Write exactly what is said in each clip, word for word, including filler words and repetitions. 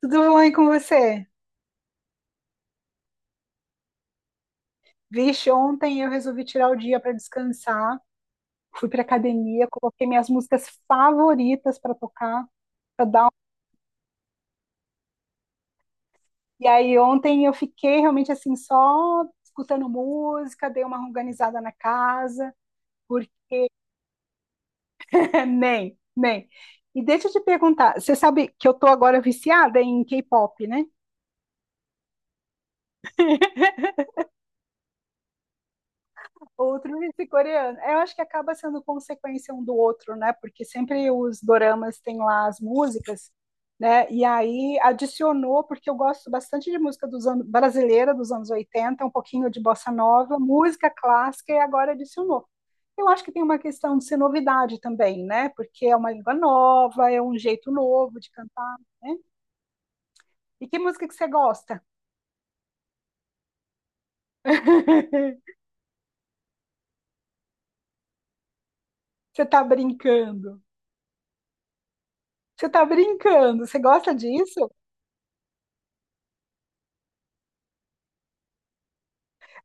Tudo bem com você? Vixe, ontem eu resolvi tirar o dia para descansar, fui para academia, coloquei minhas músicas favoritas para tocar, para dar. um- E aí ontem eu fiquei realmente assim só escutando música, dei uma organizada na casa, porque nem, nem. E deixa eu te perguntar, você sabe que eu tô agora viciada em K-pop, né? Outro sul-coreano. Eu acho que acaba sendo consequência um do outro, né? Porque sempre os doramas têm lá as músicas, né? E aí adicionou, porque eu gosto bastante de música dos anos, brasileira dos anos oitenta, um pouquinho de bossa nova, música clássica, e agora adicionou. Eu acho que tem uma questão de ser novidade também, né? Porque é uma língua nova, é um jeito novo de cantar, né? E que música que você gosta? Você tá brincando? Você tá brincando? Você gosta disso?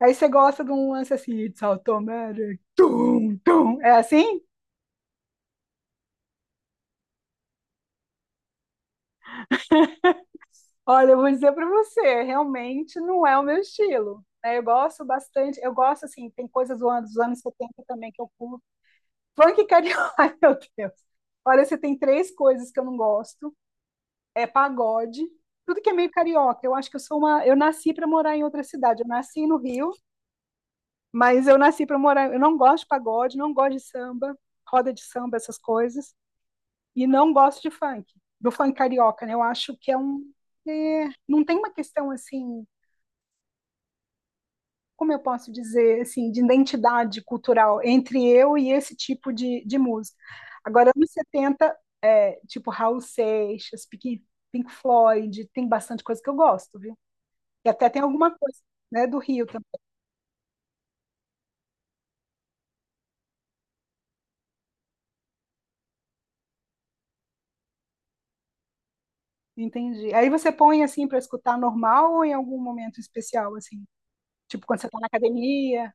Aí você gosta de um lance assim, It's automatic, tum, tum. É assim? Olha, eu vou dizer pra você, realmente não é o meu estilo, né? Eu gosto bastante, eu gosto assim, tem coisas do ano- dos anos setenta também que eu curto. Funk carioca, ai meu Deus. Olha, você tem três coisas que eu não gosto. É pagode, tudo que é meio carioca. Eu acho que eu sou uma, eu nasci para morar em outra cidade. Eu nasci no Rio, mas eu nasci para morar, eu não gosto de pagode, não gosto de samba, roda de samba, essas coisas. E não gosto de funk, do funk carioca, né? Eu acho que é um. É, não tem uma questão assim, como eu posso dizer, assim, de identidade cultural entre eu e esse tipo de, de música. Agora, anos setenta é, tipo Raul Seixas, Pink, Pink Floyd, tem bastante coisa que eu gosto, viu? E até tem alguma coisa, né, do Rio também. Entendi. Aí você põe assim para escutar normal ou em algum momento especial, assim? Tipo quando você tá na academia?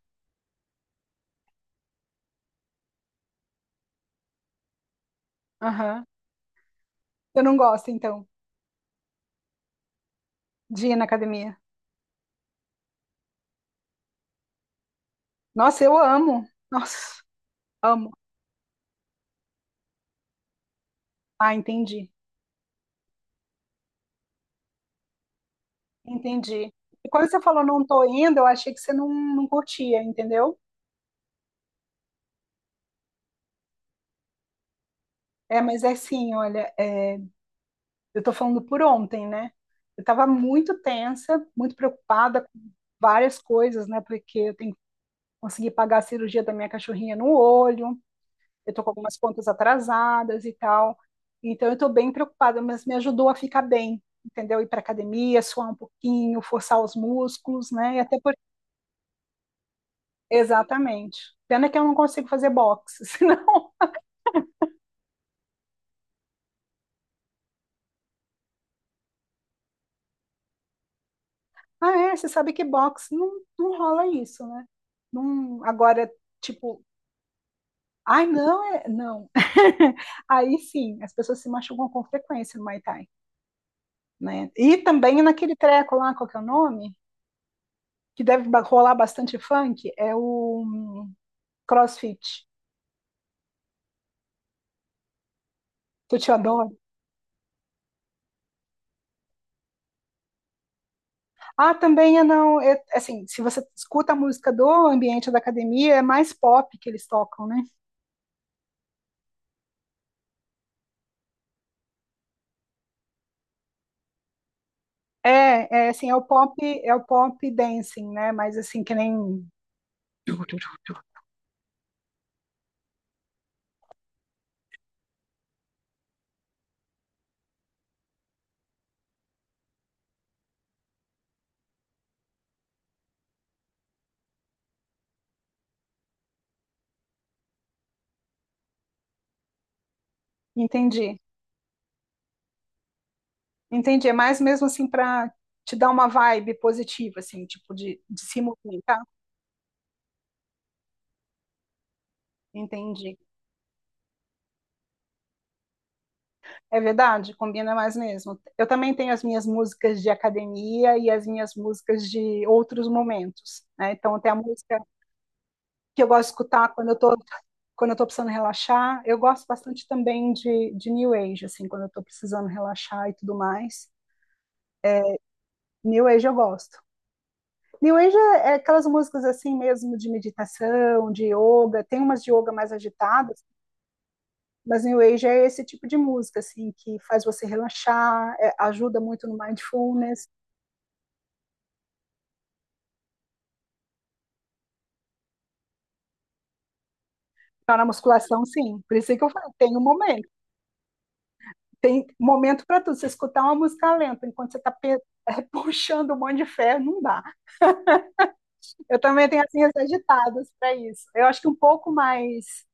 Aham. Eu não gosto, então, de ir na academia. Nossa, eu amo. Nossa, amo. Ah, entendi. Entendi. E quando você falou não tô indo, eu achei que você não, não curtia, entendeu? É, mas é assim, olha, é, eu tô falando por ontem, né? Eu tava muito tensa, muito preocupada com várias coisas, né? Porque eu tenho que conseguir pagar a cirurgia da minha cachorrinha no olho, eu tô com algumas contas atrasadas e tal. Então eu tô bem preocupada, mas me ajudou a ficar bem, entendeu? Ir pra academia, suar um pouquinho, forçar os músculos, né? E até por Exatamente. Pena que eu não consigo fazer boxe, senão. Ah, é, você sabe que boxe não, não rola isso, né? Não, agora, tipo, ai, não, é, não. Aí sim, as pessoas se machucam com frequência no Muay Thai, né? E também naquele treco lá, qual que é o nome? Que deve ba- rolar bastante funk, é o hum, CrossFit. Tu te adora. Ah, também é não. É- assim, se você escuta a música do ambiente da academia, é mais pop que eles tocam, né? É, é assim, é o pop, é o pop dancing, né? Mas assim, que nem. Entendi, entendi. É mais mesmo assim para te dar uma vibe positiva, assim, tipo de, de se movimentar. Entendi. É verdade, combina mais mesmo. Eu também tenho as minhas músicas de academia e as minhas músicas de outros momentos, né? Então tem a música que eu gosto de escutar quando eu tô, quando eu tô precisando relaxar. Eu gosto bastante também de, de New Age, assim, quando eu tô precisando relaxar e tudo mais. New Age eu gosto. New Age é é aquelas músicas assim mesmo de meditação, de yoga, tem umas de yoga mais agitadas, mas New Age é esse tipo de música assim que faz você relaxar, é, ajuda muito no mindfulness, na musculação sim. Por isso que eu falo, tem um momento, tem momento para tudo. Você escutar uma música lenta enquanto você está pe- é, puxando um monte de ferro, não dá. Eu também tenho assim as agitadas para isso. Eu acho que um pouco mais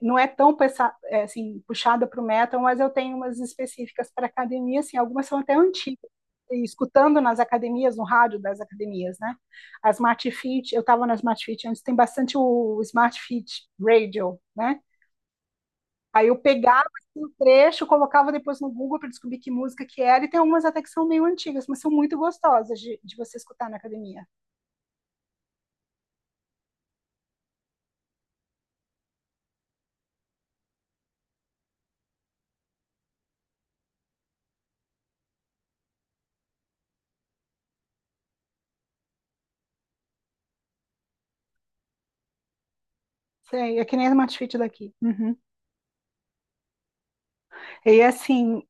não é tão assim, puxada para o metal, mas eu tenho umas específicas para academia, assim, algumas são até antigas, escutando nas academias, no rádio das academias, né? A Smart Fit, eu estava na Smart Fit antes, tem bastante o Smart Fit Radio, né? Aí eu pegava assim, um trecho, colocava depois no Google para descobrir que música que era, e tem algumas até que são meio antigas, mas são muito gostosas de, de você escutar na academia. Sei, é que nem a Smart Fit daqui. Uhum. E assim,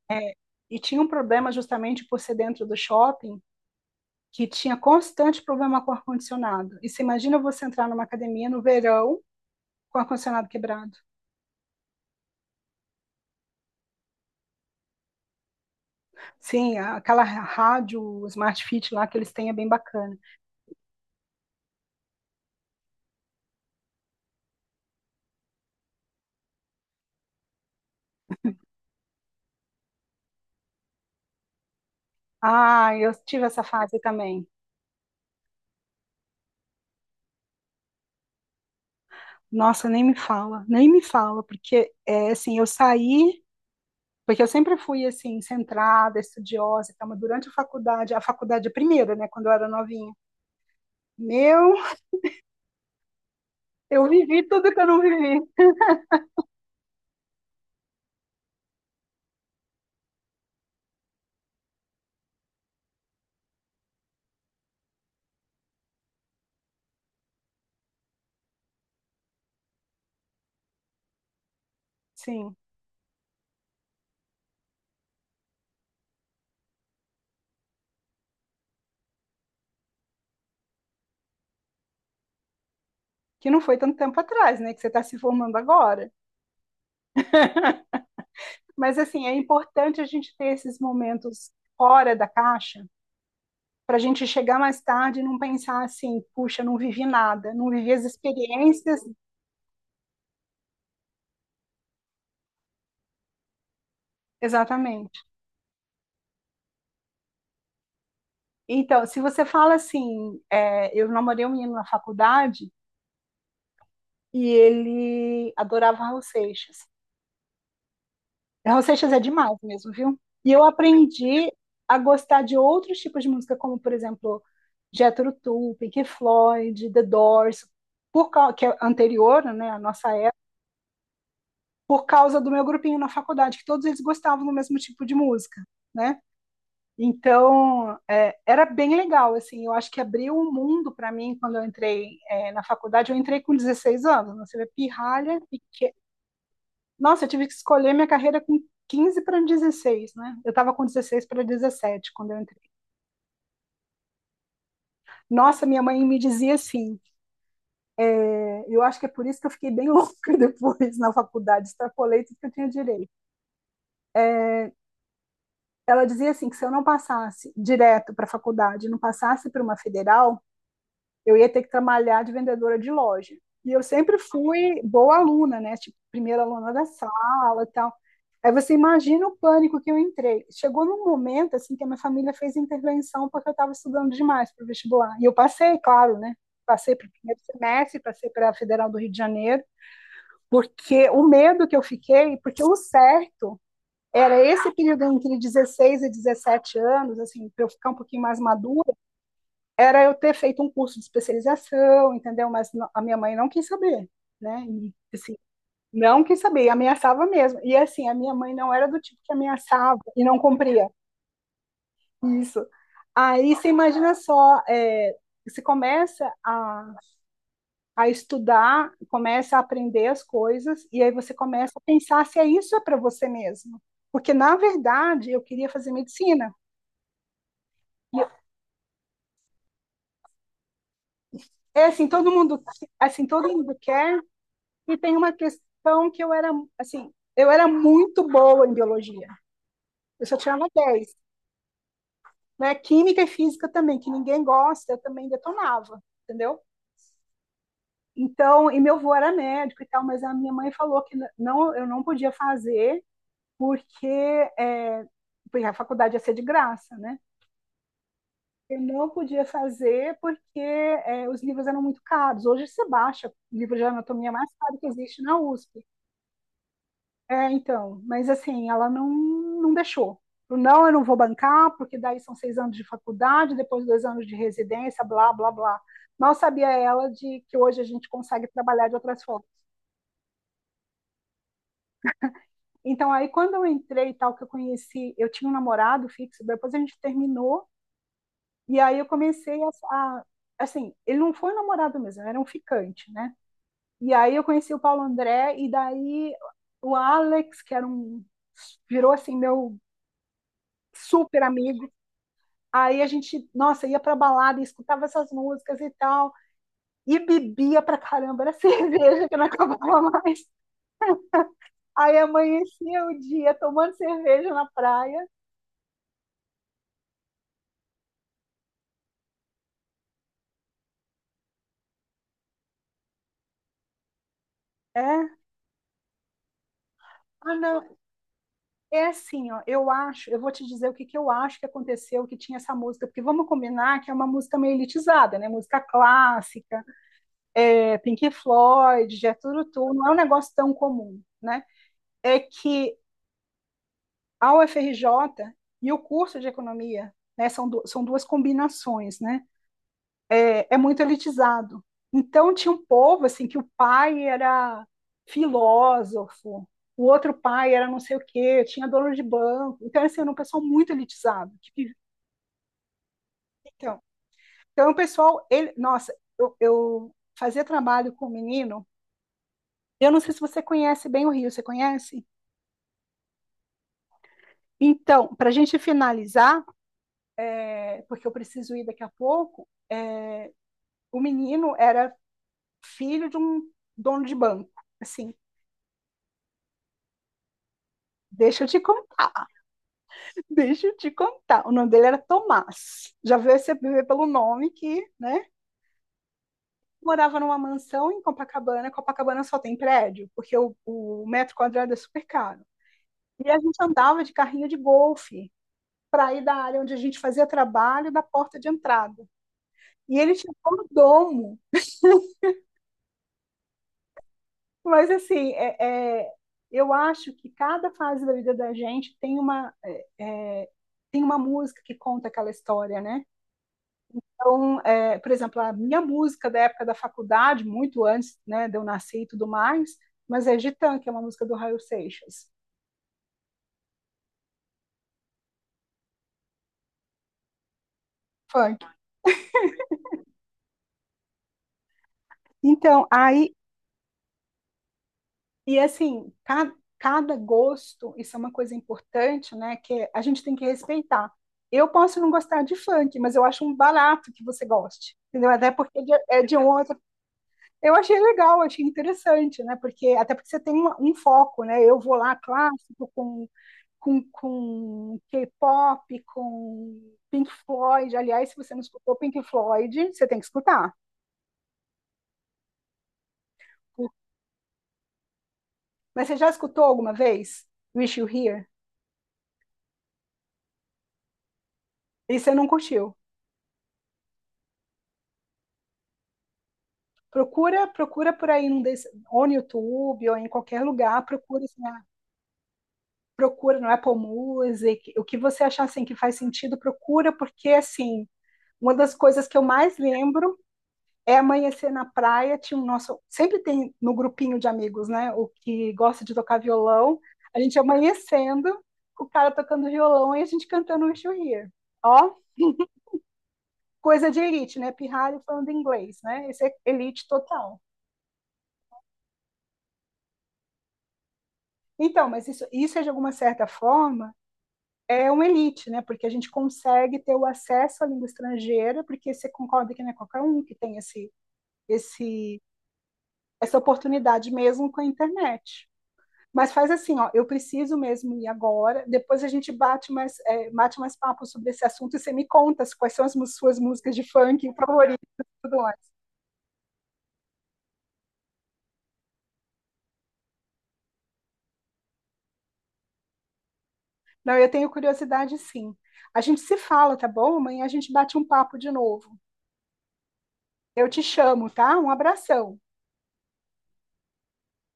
e tinha um problema justamente por ser dentro do shopping, que tinha constante problema com ar-condicionado. E você imagina você entrar numa academia no verão com ar-condicionado quebrado. Sim, aquela rádio Smart Fit lá que eles têm é bem bacana. Ah, eu tive essa fase também. Nossa, nem me fala, nem me fala, porque é assim, eu saí, porque eu sempre fui assim, centrada, estudiosa, e mas durante a faculdade, a faculdade, é a primeira, né, quando eu era novinha. Meu, eu vivi tudo que eu não vivi. Sim, que não foi tanto tempo atrás, né, que você está se formando agora. Mas assim, é importante a gente ter esses momentos fora da caixa para a gente chegar mais tarde e não pensar assim, puxa, não vivi nada, não vivi as experiências. Exatamente. Então, se você fala assim, é, eu namorei um menino na faculdade e ele adorava Raul Seixas. Raul Seixas é demais mesmo, viu? E eu aprendi a gostar de outros tipos de música, como, por exemplo, Jethro Tull, Pink Floyd, The Doors, por, cau- que é anterior, né, à nossa por causa do meu grupinho na faculdade, que todos eles gostavam do mesmo tipo de música, né? Então, é, era bem legal, assim, eu acho que abriu um mundo para mim quando eu entrei é, na faculdade, eu entrei com dezesseis anos, né? Você vê pirralha, e que... Nossa, eu tive que escolher minha carreira com quinze para dezesseis, né? Eu estava com dezesseis para dezessete quando eu entrei. Nossa, minha mãe me dizia assim, é, eu acho que é por isso que eu fiquei bem louca depois na faculdade, extrapolei tudo que eu tinha direito. Ela dizia assim que se eu não passasse direto para a faculdade, não passasse para uma federal, eu ia ter que trabalhar de vendedora de loja. E eu sempre fui boa aluna, né? Tipo, primeira aluna da sala e tal. Aí você imagina o pânico que eu entrei. Chegou num momento assim que a minha família fez intervenção porque eu estava estudando demais para o vestibular. E eu passei, claro, né? Passei para o primeiro semestre, passei para a Federal do Rio de Janeiro, porque o medo que eu fiquei, porque o certo era esse período entre dezesseis e dezessete anos, assim, para eu ficar um pouquinho mais madura, era eu ter feito um curso de especialização, entendeu? Mas a minha mãe não quis saber, né? E, assim, não quis saber, ameaçava mesmo. E assim, a minha mãe não era do tipo que ameaçava e não cumpria isso. Aí você imagina só, é, você começa a, a estudar, começa a aprender as coisas, e aí você começa a pensar se é isso é para você mesmo. Porque, na verdade, eu queria fazer medicina. É assim, todo mundo, assim, todo mundo quer. E tem uma questão que eu era, assim, eu era muito boa em biologia. Eu só tirava dez, né? Química e física também, que ninguém gosta, eu também detonava, entendeu? Então, e meu avô era médico e tal, mas a minha mãe falou que não, eu não podia fazer porque, é, porque a faculdade ia ser de graça, né? Eu não podia fazer porque é, os livros eram muito caros. Hoje você baixa livro de anatomia mais caro que existe na USP. É, então, mas assim, ela não, não deixou. Não, eu não vou bancar, porque daí são seis anos de faculdade, depois dois anos de residência, blá, blá, blá. Mal sabia ela de que hoje a gente consegue trabalhar de outras formas. Então, aí, quando eu entrei e tal, que eu conheci, eu tinha um namorado fixo, depois a gente terminou, e aí eu comecei a, a- assim, ele não foi um namorado mesmo, era um ficante, né? E aí eu conheci o Paulo André, e daí o Alex, que era um, virou assim, meu super amigo. Aí a gente, nossa, ia pra balada e escutava essas músicas e tal, e bebia pra caramba, era cerveja que não acabava mais. Aí amanhecia o dia tomando cerveja na praia. É? Ah, não. É assim, ó. Eu acho, eu vou te dizer o que, que eu acho que aconteceu, que tinha essa música, porque vamos combinar que é uma música meio elitizada, né? Música clássica, é, Pink Floyd, Jethro Tull, não é um negócio tão comum, né? É que a U F R J e o curso de economia, né, são, du são duas combinações, né, é, é, muito elitizado. Então tinha um povo assim que o pai era filósofo, o outro pai era não sei o quê, tinha dono de banco. Então assim, era um pessoal muito elitizado. Então, então o pessoal, ele, nossa, eu, eu fazia trabalho com o um menino. Eu não sei se você conhece bem o Rio, você conhece? Então, para a gente finalizar, é, porque eu preciso ir daqui a pouco, é, o menino era filho de um dono de banco, assim. Deixa eu te contar, deixa eu te contar. O nome dele era Tomás. Já veio você ver pelo nome que, né? Morava numa mansão em Copacabana. Copacabana só tem prédio, porque o, o metro quadrado é super caro. E a gente andava de carrinho de golfe para ir da área onde a gente fazia trabalho da porta de entrada. E ele tinha mordomo. Mas assim, é, é, eu acho que cada fase da vida da gente tem uma, é, é, tem uma música que conta aquela história, né? Então, é, por exemplo, a minha música da época da faculdade, muito antes, né, de eu nascer e tudo mais, mas é Gitan, que é uma música do Raul Seixas, funk. Então, aí, e assim, cada, cada gosto, isso é uma coisa importante, né, que a gente tem que respeitar. Eu posso não gostar de funk, mas eu acho um barato que você goste, entendeu? Até porque é de, é de um outro. Eu achei legal, achei interessante, né? Porque até porque você tem uma- um foco, né? Eu vou lá clássico com com, com K-pop, com Pink Floyd. Aliás, se você não escutou Pink Floyd, você tem que escutar. Mas você já escutou alguma vez Wish You Here? E você não curtiu? Procura, procura por aí num desse, ou no YouTube ou em qualquer lugar, procura, assim, ah, procura no Apple Music, o que você achar assim que faz sentido, procura porque assim, uma das coisas que eu mais lembro é amanhecer na praia, tinha um nosso, sempre tem no grupinho de amigos, né, o que gosta de tocar violão, a gente amanhecendo, o cara tocando violão e a gente cantando um Wish You Here. Ó, coisa de elite, né, pirralho falando inglês, né, esse é elite total. Então, mas isso, isso é de alguma certa forma é uma elite, né? Porque a gente consegue ter o acesso à língua estrangeira, porque você concorda que não é qualquer um que tem esse, esse, essa oportunidade mesmo com a internet. Mas faz assim, ó, eu preciso mesmo ir agora. Depois a gente bate mais, é, bate mais papo sobre esse assunto e você me conta quais são as mu- suas músicas de funk favoritas e tudo mais. Não, eu tenho curiosidade sim. A gente se fala, tá bom? Amanhã a gente bate um papo de novo. Eu te chamo, tá? Um abração.